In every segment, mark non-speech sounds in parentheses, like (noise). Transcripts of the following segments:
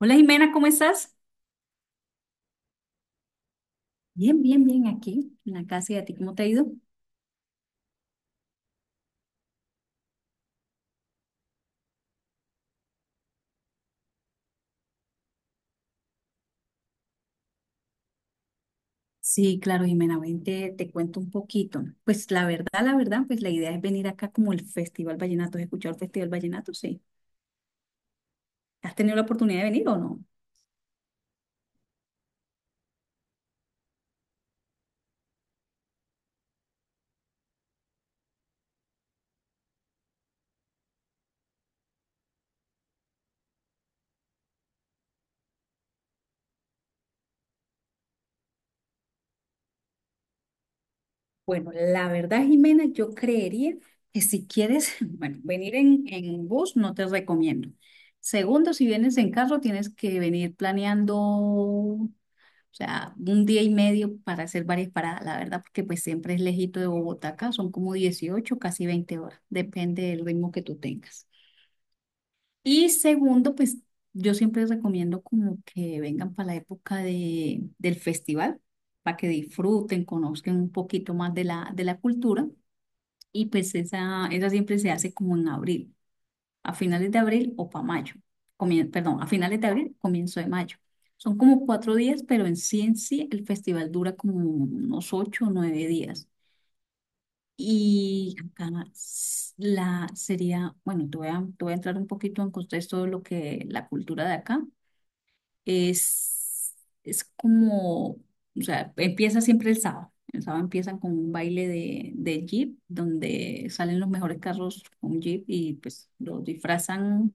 Hola, Jimena, ¿cómo estás? Bien, bien, bien, aquí en la casa. Y a ti, ¿cómo te ha ido? Sí, claro, Jimena, ven, te cuento un poquito. Pues la verdad, la idea es venir acá como el Festival Vallenato. ¿Has escuchado el Festival Vallenato? Sí. ¿Has tenido la oportunidad de venir o no? Bueno, la verdad, Jimena, yo creería que si quieres, (laughs) bueno, venir en bus no te recomiendo. Segundo, si vienes en carro, tienes que venir planeando, o sea, un día y medio para hacer varias paradas, la verdad, porque pues siempre es lejito de Bogotá acá, son como dieciocho, casi 20 horas, depende del ritmo que tú tengas. Y segundo, pues yo siempre recomiendo como que vengan para la época del festival, para que disfruten, conozcan un poquito más de la cultura. Y pues esa siempre se hace como en abril, a finales de abril o para mayo. A finales de abril, comienzo de mayo. Son como cuatro días, pero en sí el festival dura como unos ocho o nueve días. Y acá s- la sería, bueno, te voy a entrar un poquito en contexto de lo que la cultura de acá es, es como, o sea, empieza siempre el sábado. El sábado empiezan con un baile de jeep, donde salen los mejores carros con jeep y pues los disfrazan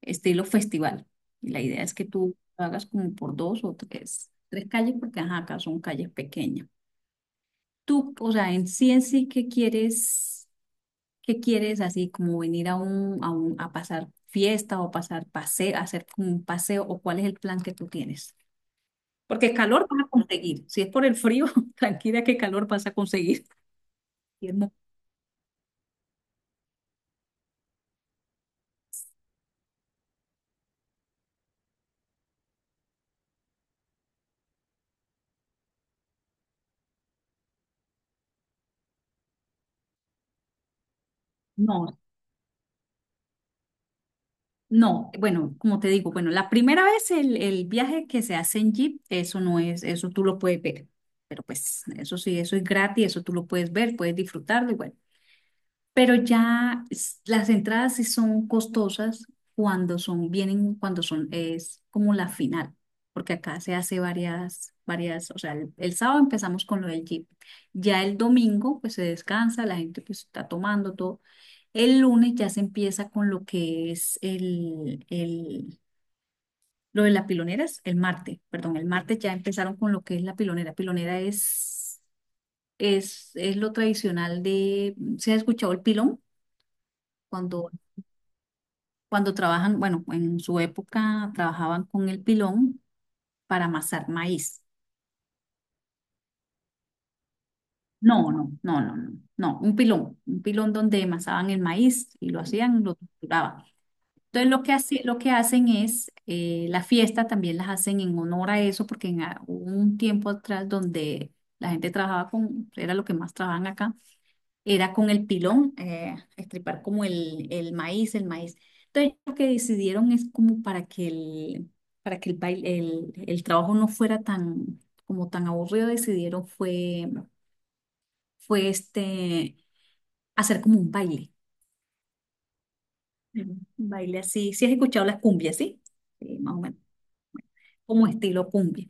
estilo festival. Y la idea es que tú lo hagas como por dos o tres calles, porque ajá, acá son calles pequeñas. Tú, o sea, en sí, qué quieres así como venir a pasar fiesta o pasar paseo, hacer como un paseo, o cuál es el plan que tú tienes? Porque calor vas a conseguir. Si es por el frío, (laughs) tranquila, que calor vas a conseguir. Y es mo- No. No, bueno, como te digo, bueno, la primera vez el viaje que se hace en Jeep, eso no es, eso tú lo puedes ver, pero pues eso sí, eso es gratis, eso tú lo puedes ver, puedes disfrutarlo y bueno. Pero las entradas sí son costosas cuando son, vienen cuando son, es como la final, porque acá se hace varias, o sea, el sábado empezamos con lo del Jeep, ya el domingo pues se descansa, la gente pues está tomando todo, el lunes ya se empieza con lo que es lo de las piloneras, el martes ya empezaron con lo que es la pilonera. Pilonera es lo tradicional de, ¿se ha escuchado el pilón? cuando Cuando trabajan, bueno, en su época trabajaban con el pilón para amasar maíz. No, no, no, no, no, no, un pilón donde amasaban el maíz y lo hacían, lo torturaban. Entonces lo que hacen es, la fiesta también las hacen en honor a eso, porque hubo un tiempo atrás donde la gente trabajaba con, era lo que más trabajaban acá, era con el pilón, estripar como el maíz, el maíz. Entonces, lo que decidieron es como para que el baile, el trabajo no fuera tan, como tan aburrido, decidieron fue este, hacer como un baile así. Si has escuchado las cumbias, ¿sí? Sí, más o menos, como estilo cumbia.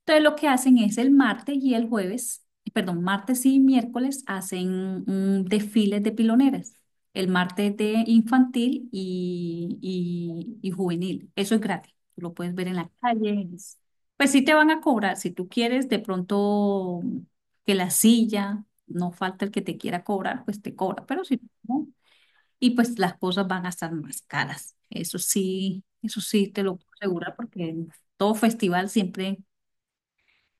Entonces lo que hacen es el martes y el jueves, perdón, martes y miércoles hacen un desfile de piloneras. El martes de infantil y juvenil. Eso es gratis. Tú lo puedes ver en la calle. Pues sí te van a cobrar. Si tú quieres de pronto que la silla, no falta el que te quiera cobrar, pues te cobra. Pero si no, y pues las cosas van a estar más caras. Eso sí te lo puedo asegurar, porque todo festival siempre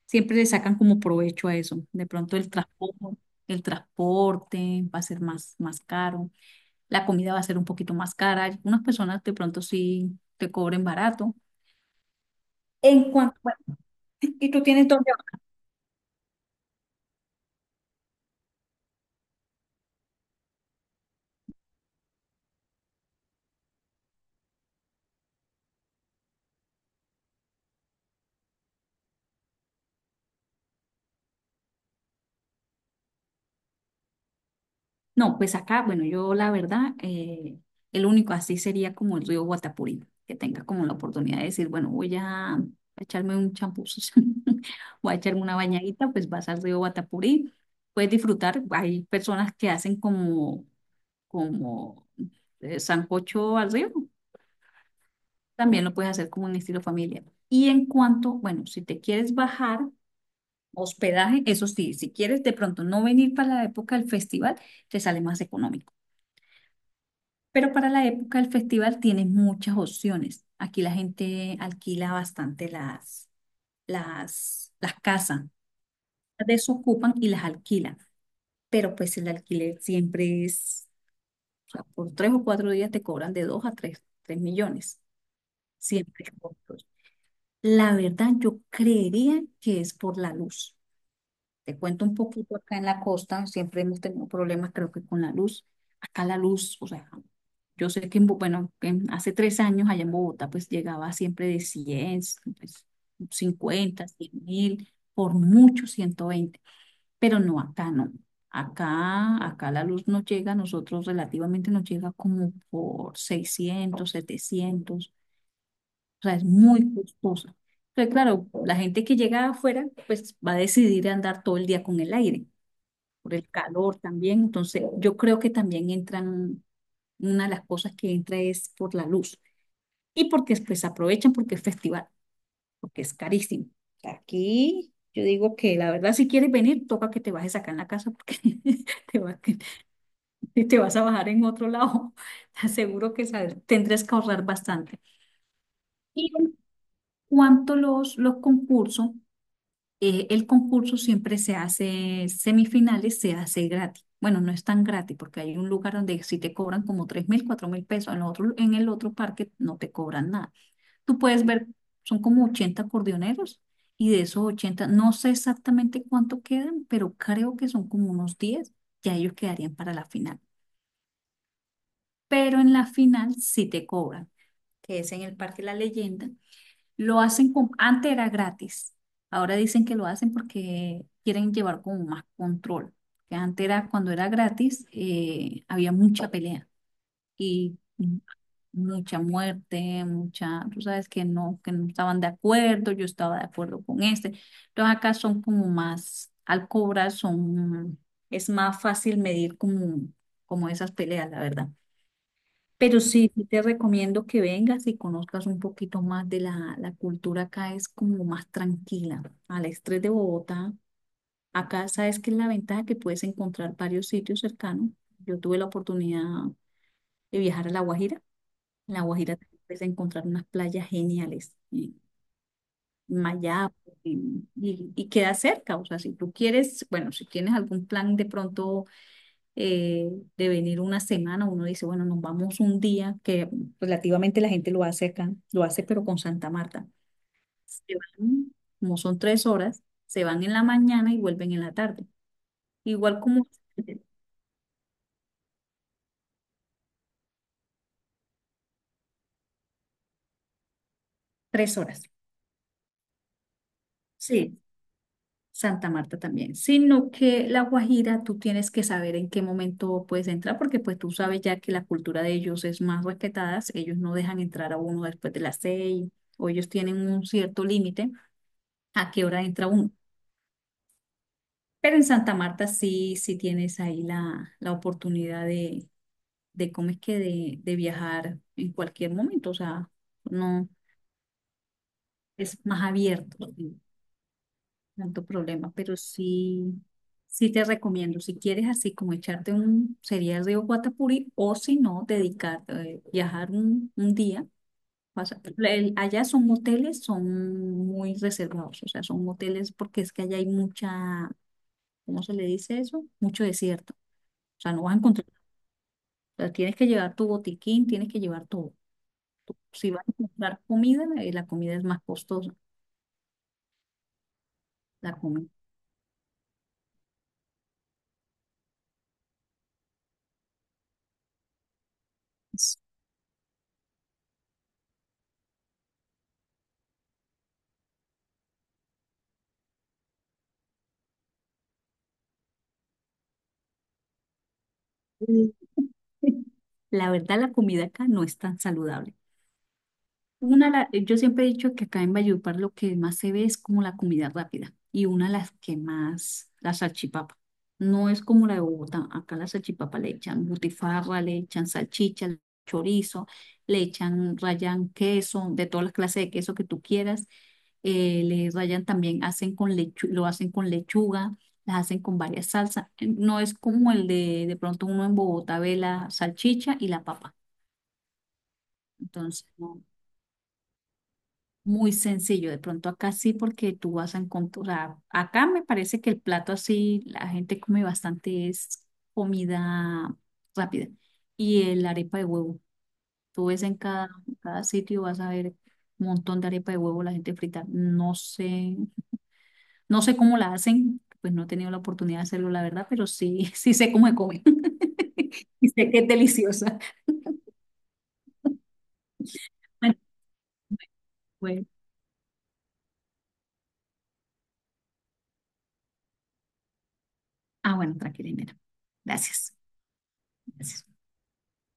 siempre le sacan como provecho a eso. De pronto el transporte va a ser más, más caro, la comida va a ser un poquito más cara. Algunas personas de pronto sí te cobren barato. En cuanto, bueno, ¿y tú tienes dónde? No, pues acá, bueno, yo la verdad, el único así sería como el río Guatapurí, que tenga como la oportunidad de decir, bueno, voy a echarme un champús, (laughs) voy a echarme una bañadita, pues vas al río Guatapurí, puedes disfrutar. Hay personas que hacen como sancocho al río, también lo puedes hacer como un estilo familia. Y en cuanto, bueno, si te quieres bajar, hospedaje, eso sí, si quieres de pronto no venir para la época del festival, te sale más económico. Pero para la época del festival tienes muchas opciones. Aquí la gente alquila bastante las casas, las desocupan y las alquilan. Pero pues el alquiler siempre es, o sea, por tres o cuatro días te cobran de dos a tres millones. Siempre cortos. La verdad, yo creería que es por la luz. Te cuento un poquito, acá en la costa, siempre hemos tenido problemas, creo que con la luz. Acá la luz, o sea, yo sé que, en Bo- bueno, en- hace tres años allá en Bogotá, pues llegaba siempre de cien, pues, 50, 100 mil, por mucho ciento veinte, pero no, acá no. Acá la luz nos llega, a nosotros relativamente nos llega como por seiscientos, setecientos, o sea, es muy costosa. Entonces, claro, la gente que llega de afuera pues va a decidir andar todo el día con el aire, por el calor también. Entonces, yo creo que también entran, una de las cosas que entra es por la luz. Y porque pues aprovechan porque es festival, porque es carísimo. Aquí yo digo que, la verdad, si quieres venir, toca que te bajes acá en la casa, porque (laughs) te va- que te vas a bajar en otro lado. (laughs) Te aseguro que sabes, tendrás que ahorrar bastante. Y en cuanto a los concursos, el concurso siempre se hace, semifinales se hace gratis. Bueno, no es tan gratis porque hay un lugar donde si te cobran como 3 mil, 4 mil pesos, en el otro parque no te cobran nada. Tú puedes ver, son como 80 acordeoneros y de esos 80 no sé exactamente cuánto quedan, pero creo que son como unos diez. Ya ellos quedarían para la final. Pero en la final sí te cobran, que es en el Parque La Leyenda. Lo hacen con, antes era gratis, ahora dicen que lo hacen porque quieren llevar como más control. Que antes era, cuando era gratis, había mucha pelea y mucha muerte, mucha, tú sabes que no estaban de acuerdo, yo estaba de acuerdo con este. Entonces acá son como más, al cobrar son, es más fácil medir como, como esas peleas, la verdad. Pero sí, sí te recomiendo que vengas y conozcas un poquito más de la cultura acá, es como más tranquila. Al estrés de Bogotá, acá sabes que es la ventaja, que puedes encontrar varios sitios cercanos. Yo tuve la oportunidad de viajar a La Guajira. En La Guajira también puedes encontrar unas playas geniales, en Mayap, y queda cerca. O sea, si tú quieres, bueno, si tienes algún plan de pronto, eh, de venir una semana, uno dice, bueno, nos vamos un día, que relativamente la gente lo hace acá, lo hace pero con Santa Marta. Se van, como son tres horas, se van en la mañana y vuelven en la tarde. Igual como (laughs) tres horas. Sí, Santa Marta también. Sino que La Guajira, tú tienes que saber en qué momento puedes entrar, porque pues tú sabes ya que la cultura de ellos es más respetada, ellos no dejan entrar a uno después de las seis, o ellos tienen un cierto límite a qué hora entra uno. Pero en Santa Marta sí, sí tienes ahí la oportunidad de ¿cómo es que? De viajar en cualquier momento, o sea, no, es más abierto, sin tanto problema, pero sí, sí te recomiendo, si quieres así como echarte un, sería el río Guatapuri, o si no, dedicar, viajar un día. Allá son moteles, son muy reservados, o sea, son moteles porque es que allá hay mucha, ¿cómo se le dice eso? Mucho desierto. O sea, no vas a encontrar, o sea, tienes que llevar tu botiquín, tienes que llevar todo. Si vas a comprar comida, la comida es más costosa. La comida. es- (laughs) La verdad, la comida acá no es tan saludable. Yo siempre he dicho que acá en Valledupar lo que más se ve es como la comida rápida, y una de las que más, la salchipapa. No es como la de Bogotá, acá la salchipapa le echan butifarra, le echan salchicha, chorizo, le echan, rayan queso, de todas las clases de queso que tú quieras. Le rayan también, hacen con lo hacen con lechuga, las hacen con varias salsas. No es como el de pronto uno en Bogotá ve la salchicha y la papa. Entonces, no. Muy sencillo, de pronto acá sí, porque tú vas a encontrar, o sea, acá me parece que el plato así, la gente come bastante es comida rápida. Y el arepa de huevo, tú ves en cada sitio, vas a ver un montón de arepa de huevo, la gente frita. No sé, no sé cómo la hacen, pues no he tenido la oportunidad de hacerlo, la verdad, pero sí, (laughs) sí sé cómo se come. (laughs) Y sé que es deliciosa. Bueno, pues, ah, bueno, tranquila, Inés. Gracias. Gracias.